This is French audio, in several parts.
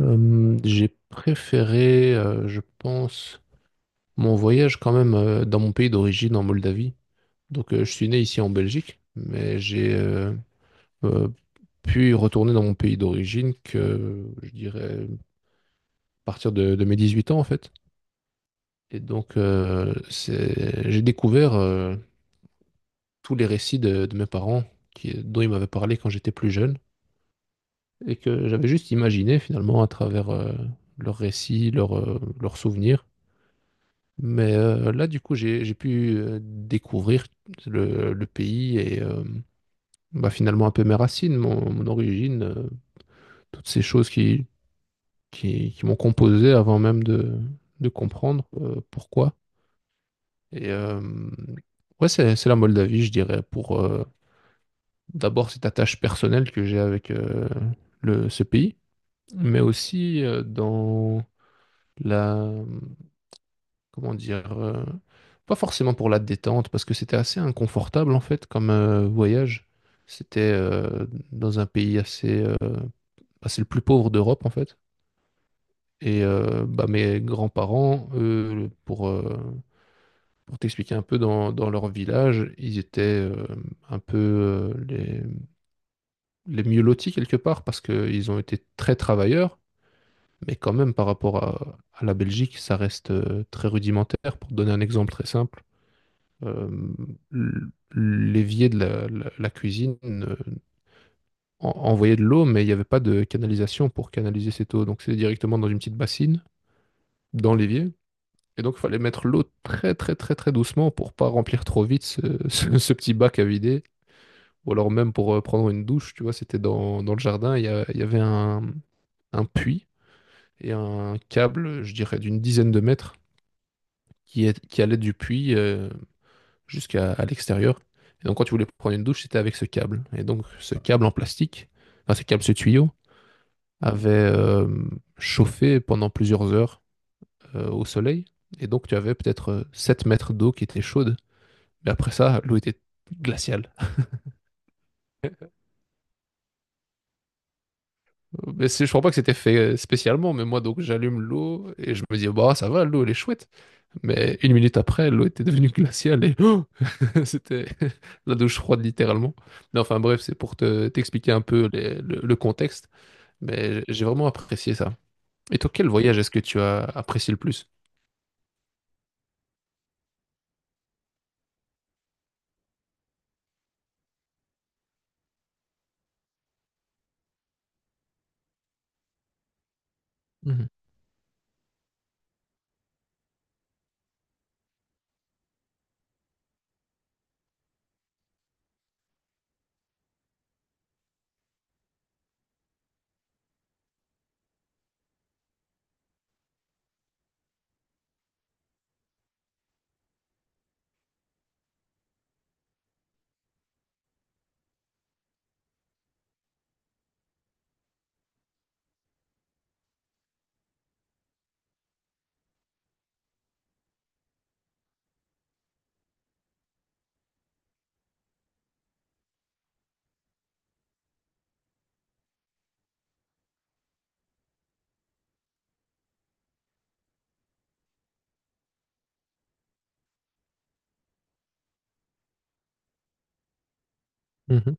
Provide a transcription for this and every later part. J'ai préféré, je pense, mon voyage quand même dans mon pays d'origine, en Moldavie. Donc, je suis né ici en Belgique, mais j'ai euh, pu retourner dans mon pays d'origine que, je dirais, à partir de mes 18 ans, en fait. Et donc, j'ai découvert tous les récits de mes parents qui, dont ils m'avaient parlé quand j'étais plus jeune et que j'avais juste imaginé finalement à travers leurs récits, leurs souvenirs. Mais là, du coup, j'ai pu découvrir le pays et bah, finalement un peu mes racines, mon origine, toutes ces choses qui m'ont composé avant même de comprendre pourquoi. Et ouais, c'est la Moldavie, je dirais, pour d'abord cette attache personnelle que j'ai avec ce pays, mais aussi dans la, comment dire, pas forcément pour la détente, parce que c'était assez inconfortable en fait comme voyage. C'était dans un pays assez, bah, c'est le plus pauvre d'Europe en fait. Et bah, mes grands-parents, eux, pour t'expliquer un peu dans leur village, ils étaient un peu les mieux lotis quelque part parce qu'ils ont été très travailleurs, mais quand même par rapport à la Belgique, ça reste très rudimentaire. Pour te donner un exemple très simple, euh, l- l'évier de la cuisine envoyait de l'eau, mais il n'y avait pas de canalisation pour canaliser cette eau. Donc c'était directement dans une petite bassine, dans l'évier. Et donc il fallait mettre l'eau très très très très doucement pour pas remplir trop vite ce, ce petit bac à vider. Ou alors même pour prendre une douche, tu vois, c'était dans le jardin, il y avait un puits et un câble, je dirais, d'une dizaine de mètres qui allait du puits jusqu'à à l'extérieur. Et donc, quand tu voulais prendre une douche, c'était avec ce câble. Et donc, ce câble en plastique, enfin, ce câble, ce tuyau, avait chauffé pendant plusieurs heures au soleil. Et donc, tu avais peut-être 7 mètres d'eau qui était chaude. Mais après ça, l'eau était glaciale. Je crois pas que c'était fait spécialement. Mais moi, donc, j'allume l'eau et je me dis, bah, ça va, l'eau, elle est chouette. Mais une minute après, l'eau était devenue glaciale et c'était la douche froide, littéralement. Mais enfin, bref, c'est pour te, t'expliquer un peu le contexte. Mais j'ai vraiment apprécié ça. Et toi, quel voyage est-ce que tu as apprécié le plus? Mhm. Mhm.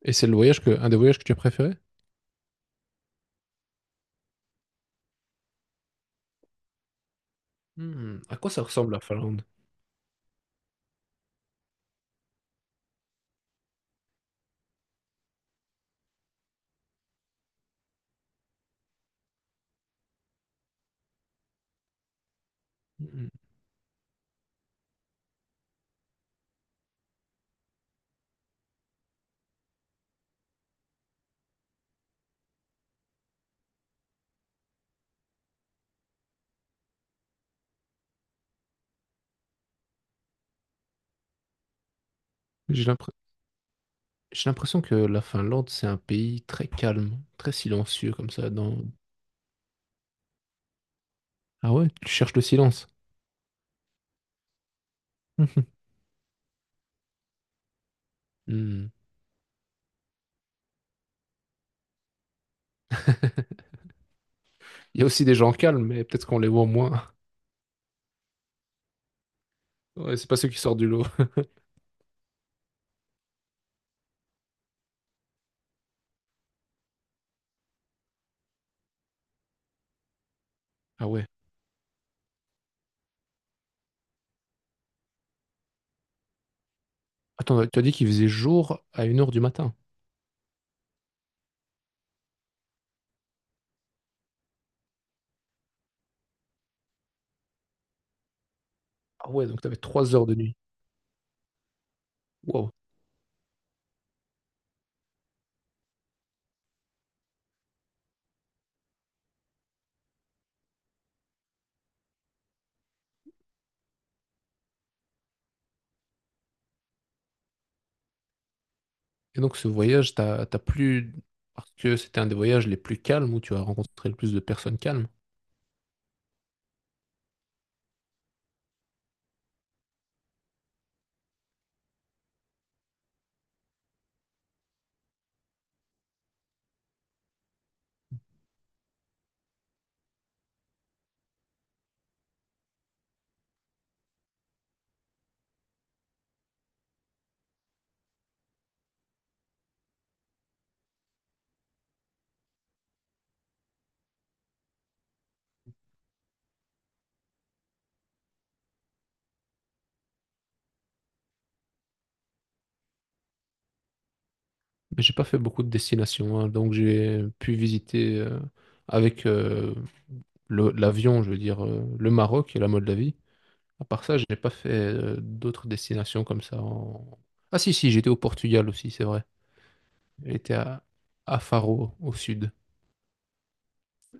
Et c'est le voyage que, un des voyages que tu as préféré? Hmm, à quoi ça ressemble la Finlande? Hmm, J'ai l'impr- j'ai l'impression que la Finlande, c'est un pays très calme, très silencieux comme ça. Dans. Ah ouais, tu cherches le silence. Hmm. Il y a aussi des gens calmes, mais peut-être qu'on les voit moins. Ouais, c'est pas ceux qui sortent du lot. Ah ouais. Attends, tu as dit qu'il faisait jour à une heure du matin. Ah ouais, donc t'avais 3 heures de nuit. Wow. Et donc ce voyage, t'as plus. Parce que c'était un des voyages les plus calmes où tu as rencontré le plus de personnes calmes. Mais j'ai pas fait beaucoup de destinations, hein. Donc j'ai pu visiter avec l'avion, je veux dire, le Maroc et la Moldavie. À part ça, j'ai pas fait d'autres destinations comme ça. Ah si, si, j'étais au Portugal aussi, c'est vrai. J'étais à Faro, au sud.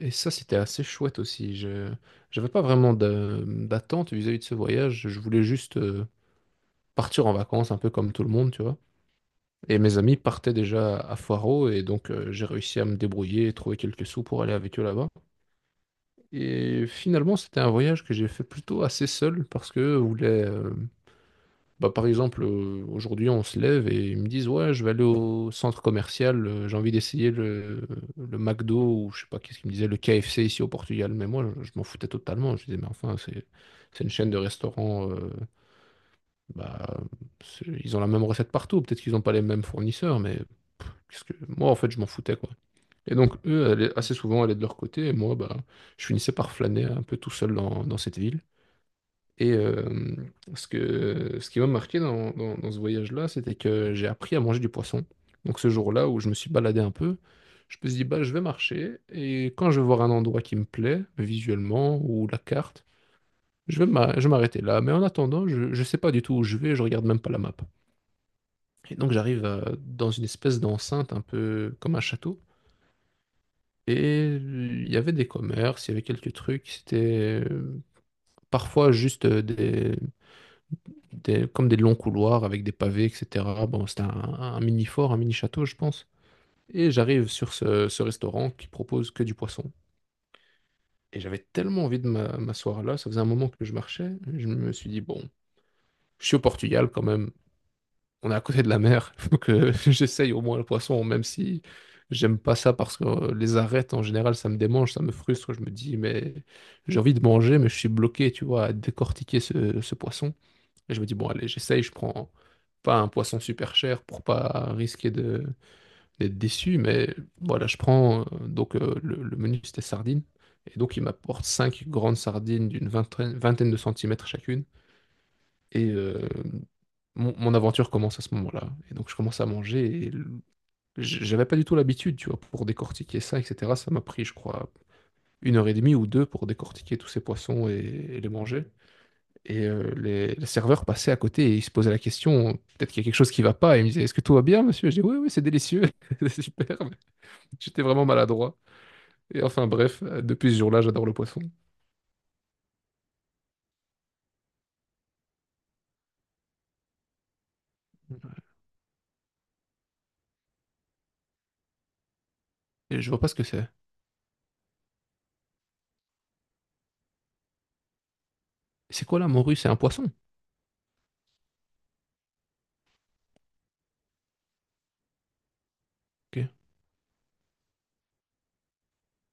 Et ça, c'était assez chouette aussi. Je j'avais pas vraiment d'attente vis-à-vis de ce voyage. Je voulais juste partir en vacances un peu comme tout le monde, tu vois. Et mes amis partaient déjà à Faro et donc j'ai réussi à me débrouiller et trouver quelques sous pour aller avec eux là-bas. Et finalement, c'était un voyage que j'ai fait plutôt assez seul parce que voulait bah, par exemple, aujourd'hui, on se lève et ils me disent, ouais, je vais aller au centre commercial, j'ai envie d'essayer le McDo ou je sais pas qu'est-ce qu'ils me disaient, le KFC ici au Portugal. Mais moi, je m'en foutais totalement. Je disais, mais enfin, c'est une chaîne de restaurants. Bah, ils ont la même recette partout. Peut-être qu'ils n'ont pas les mêmes fournisseurs, mais pff, qu'est-ce que moi, en fait, je m'en foutais, quoi. Et donc, eux, assez souvent, allaient de leur côté. Et moi, bah, je finissais par flâner un peu tout seul dans cette ville. Et ce qui m'a marqué dans ce voyage-là, c'était que j'ai appris à manger du poisson. Donc, ce jour-là où je me suis baladé un peu, je me suis dit, bah, je vais marcher. Et quand je vais voir un endroit qui me plaît, visuellement, ou la carte, je vais m'arrêter là. Mais en attendant, je ne sais pas du tout où je vais. Je regarde même pas la map. Et donc j'arrive dans une espèce d'enceinte un peu comme un château. Et il y avait des commerces, il y avait quelques trucs. C'était parfois juste comme des longs couloirs avec des pavés, etc. Bon, c'était un mini fort, un mini château, je pense. Et j'arrive sur ce restaurant qui propose que du poisson. Et j'avais tellement envie de m'asseoir là, ça faisait un moment que je marchais. Je me suis dit, bon, je suis au Portugal quand même, on est à côté de la mer. Il faut que j'essaye au moins le poisson, même si j'aime pas ça parce que les arêtes, en général, ça me démange, ça me frustre. Je me dis, mais j'ai envie de manger, mais je suis bloqué, tu vois, à décortiquer ce poisson. Et je me dis, bon, allez, j'essaye, je prends pas un poisson super cher pour pas risquer d'être déçu, mais voilà, je prends. Donc, le menu, c'était sardines. Et donc, il m'apporte cinq grandes sardines d'une vingtaine de centimètres chacune. Et mon aventure commence à ce moment-là. Et donc, je commence à manger. Et j'avais pas du tout l'habitude, tu vois, pour décortiquer ça, etc. Ça m'a pris, je crois, une heure et demie ou deux pour décortiquer tous ces poissons et les manger. Et les serveurs passaient à côté et ils se posaient la question, peut-être qu'il y a quelque chose qui va pas. Et ils me disaient, est-ce que tout va bien, monsieur? Je dis, oui, oui, c'est délicieux. C'est super, mais j'étais vraiment maladroit. Et enfin, bref, depuis ce jour-là, j'adore le poisson. Et je vois pas ce que c'est. C'est quoi là, morue? C'est un poisson. Ok.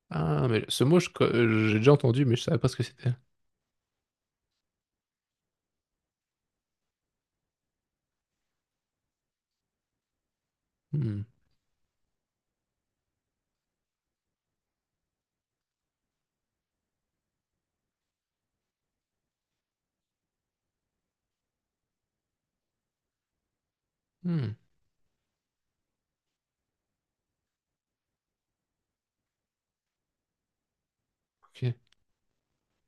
Ah, mais ce mot, j'ai déjà entendu, mais je savais pas ce que c'était. Hmm. Hmm. Ok.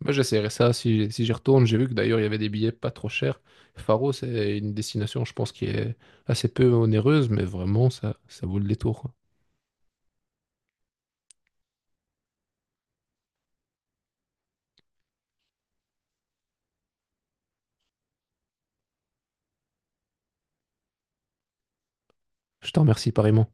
Moi, j'essaierai ça si j'y retourne. J'ai vu que d'ailleurs, il y avait des billets pas trop chers. Faro, c'est une destination, je pense, qui est assez peu onéreuse, mais vraiment, ça vaut le détour, quoi. Je t'en remercie pareillement.